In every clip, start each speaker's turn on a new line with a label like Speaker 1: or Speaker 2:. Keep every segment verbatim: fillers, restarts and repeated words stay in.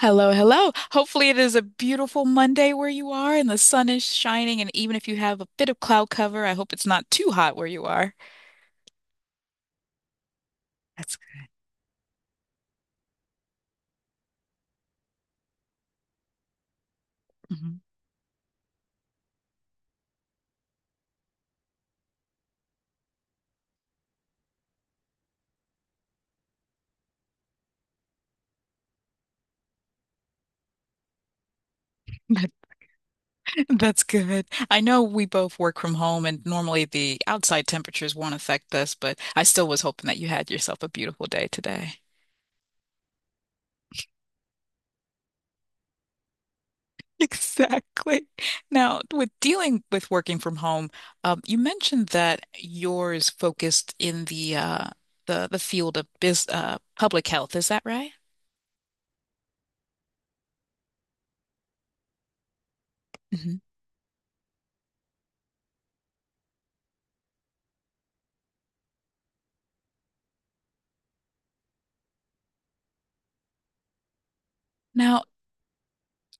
Speaker 1: Hello, hello. Hopefully, it is a beautiful Monday where you are and the sun is shining. And even if you have a bit of cloud cover, I hope it's not too hot where you are. That's good. Mhm. That's good. I know we both work from home and normally the outside temperatures won't affect us, but I still was hoping that you had yourself a beautiful day today. Exactly. Now, with dealing with working from home, um, you mentioned that yours focused in the uh, the the field of biz uh, public health. Is that right? Mhm. Now,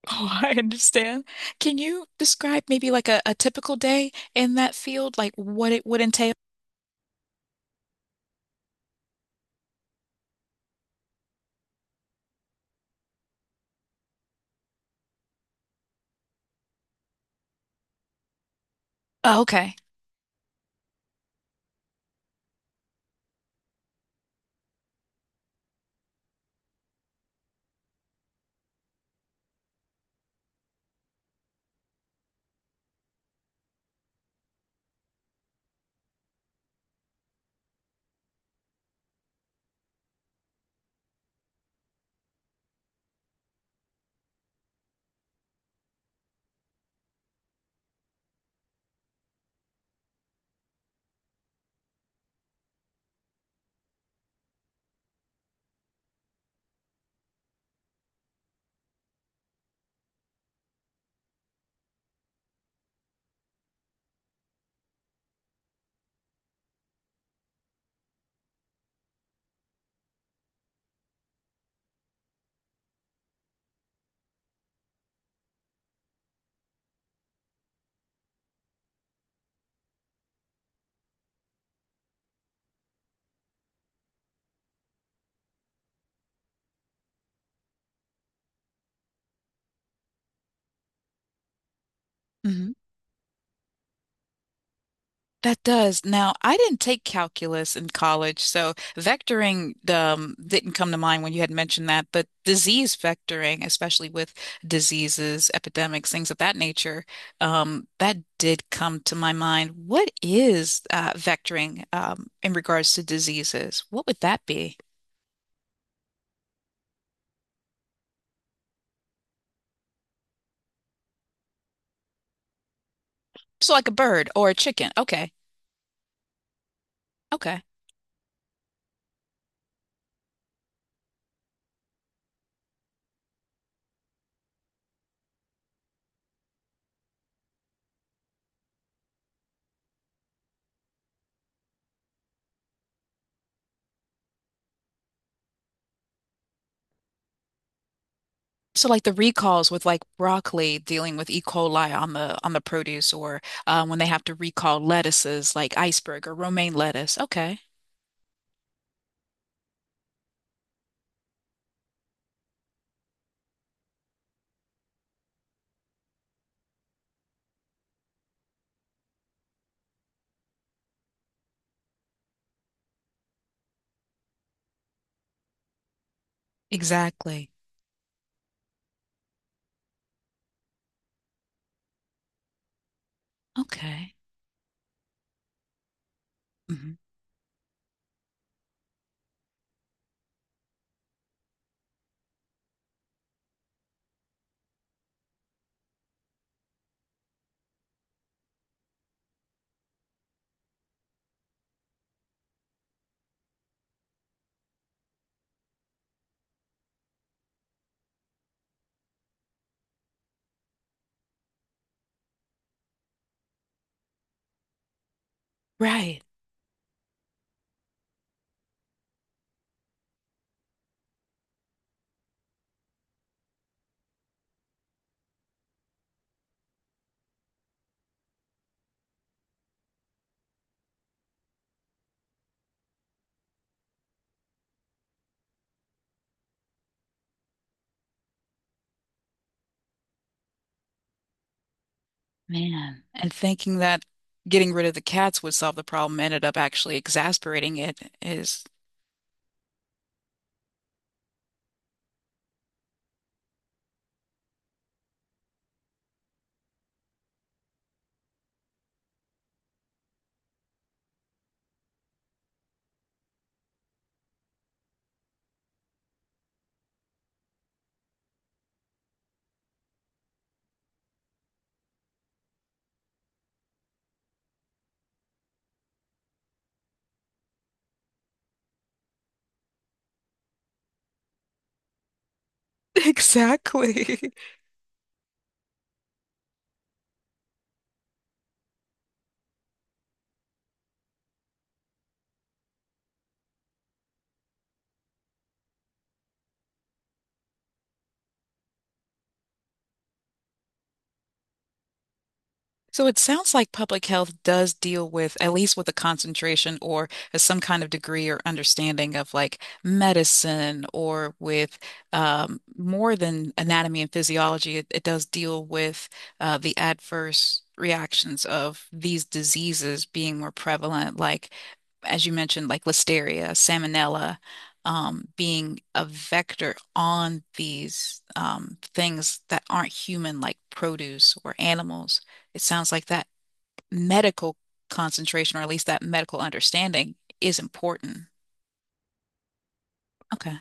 Speaker 1: oh, I understand. Can you describe maybe like a, a typical day in that field, like what it would entail? Oh, okay. That does. Now, I didn't take calculus in college, so vectoring um, didn't come to mind when you had mentioned that, but disease vectoring, especially with diseases, epidemics, things of that nature, um, that did come to my mind. What is uh, vectoring um, in regards to diseases? What would that be? So, like a bird or a chicken. Okay. Okay. So like the recalls with like broccoli dealing with E. coli on the on the produce or uh, when they have to recall lettuces like iceberg or romaine lettuce. Okay. Exactly. Okay. Hmm. Right. Man. And thinking that getting rid of the cats would solve the problem ended up actually exasperating it is exactly. So it sounds like public health does deal with, at least with a concentration or a- some kind of degree or understanding of like medicine or with um, more than anatomy and physiology. It, it does deal with uh, the adverse reactions of these diseases being more prevalent, like as you mentioned, like listeria, salmonella, um, being a vector on these um, things that aren't human, like produce or animals, it sounds like that medical concentration, or at least that medical understanding, is important. Okay.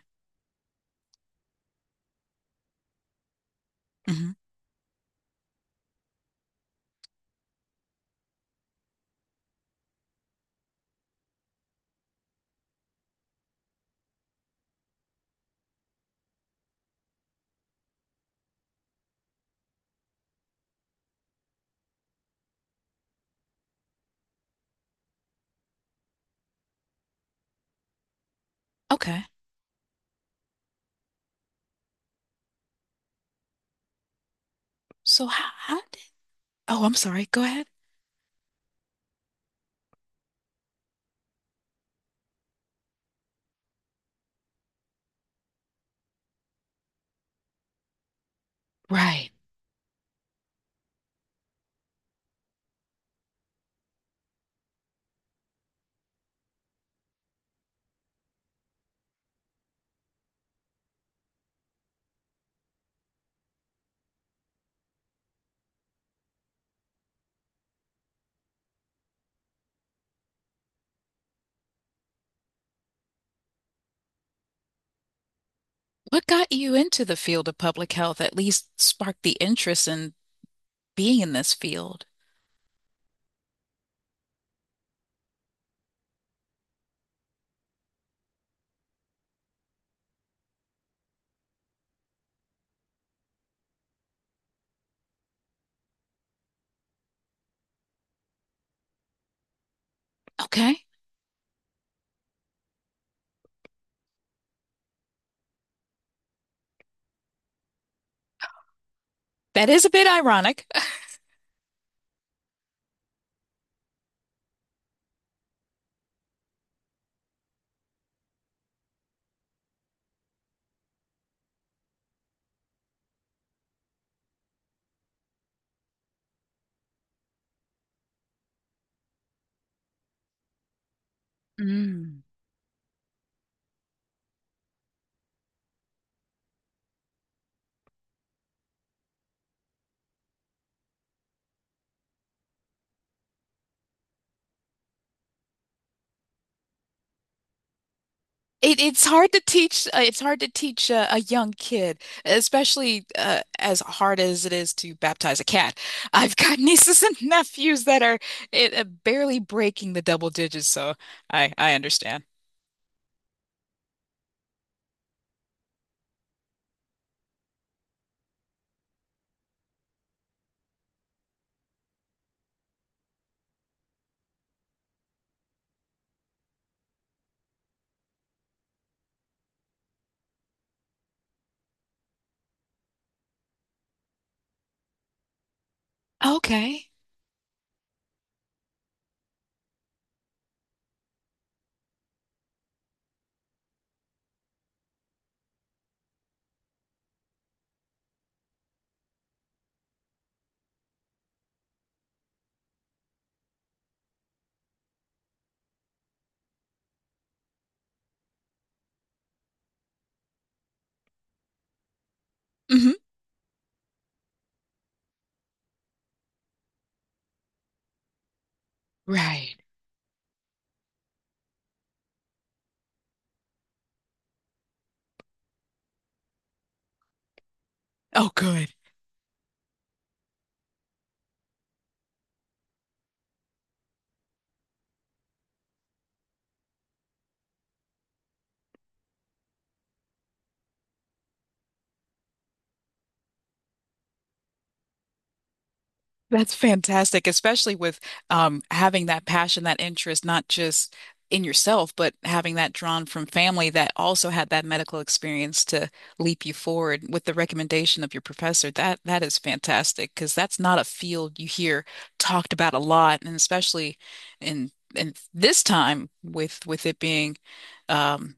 Speaker 1: Hmm. Okay. So how, how did, oh, I'm sorry. Go ahead. Right. What got you into the field of public health, at least sparked the interest in being in this field? Okay. That is a bit ironic. Mm. It, it's hard to teach. Uh, it's hard to teach uh, a young kid, especially uh, as hard as it is to baptize a cat. I've got nieces and nephews that are it, uh, barely breaking the double digits, so I I understand. Okay. Hmm. Right. Oh, good. That's fantastic, especially with um, having that passion, that interest, not just in yourself, but having that drawn from family that also had that medical experience to leap you forward with the recommendation of your professor. That that is fantastic because that's not a field you hear talked about a lot, and especially in in this time with with it being um,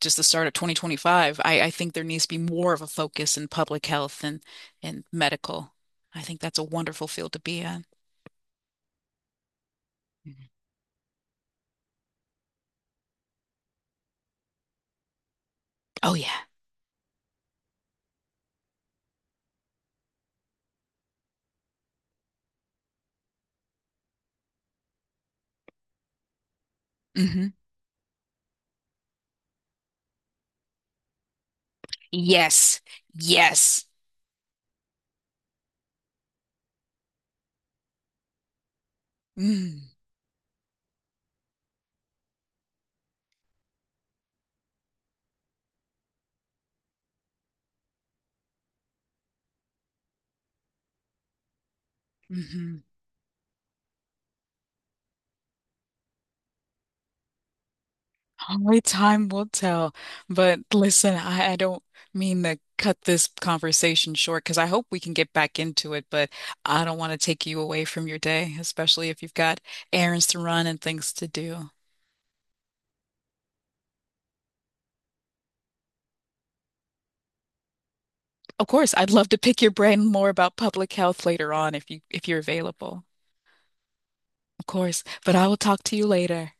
Speaker 1: just the start of twenty twenty-five. I, I think there needs to be more of a focus in public health and and medical. I think that's a wonderful field to be in. Mm-hmm. Oh yeah. Hmm. Yes. Yes. Mm. Mm-hmm. Only time will tell. But listen, I, I don't mean to cut this conversation short because I hope we can get back into it, but I don't want to take you away from your day, especially if you've got errands to run and things to do. Of course, I'd love to pick your brain more about public health later on if you if you're available. Of course, but I will talk to you later.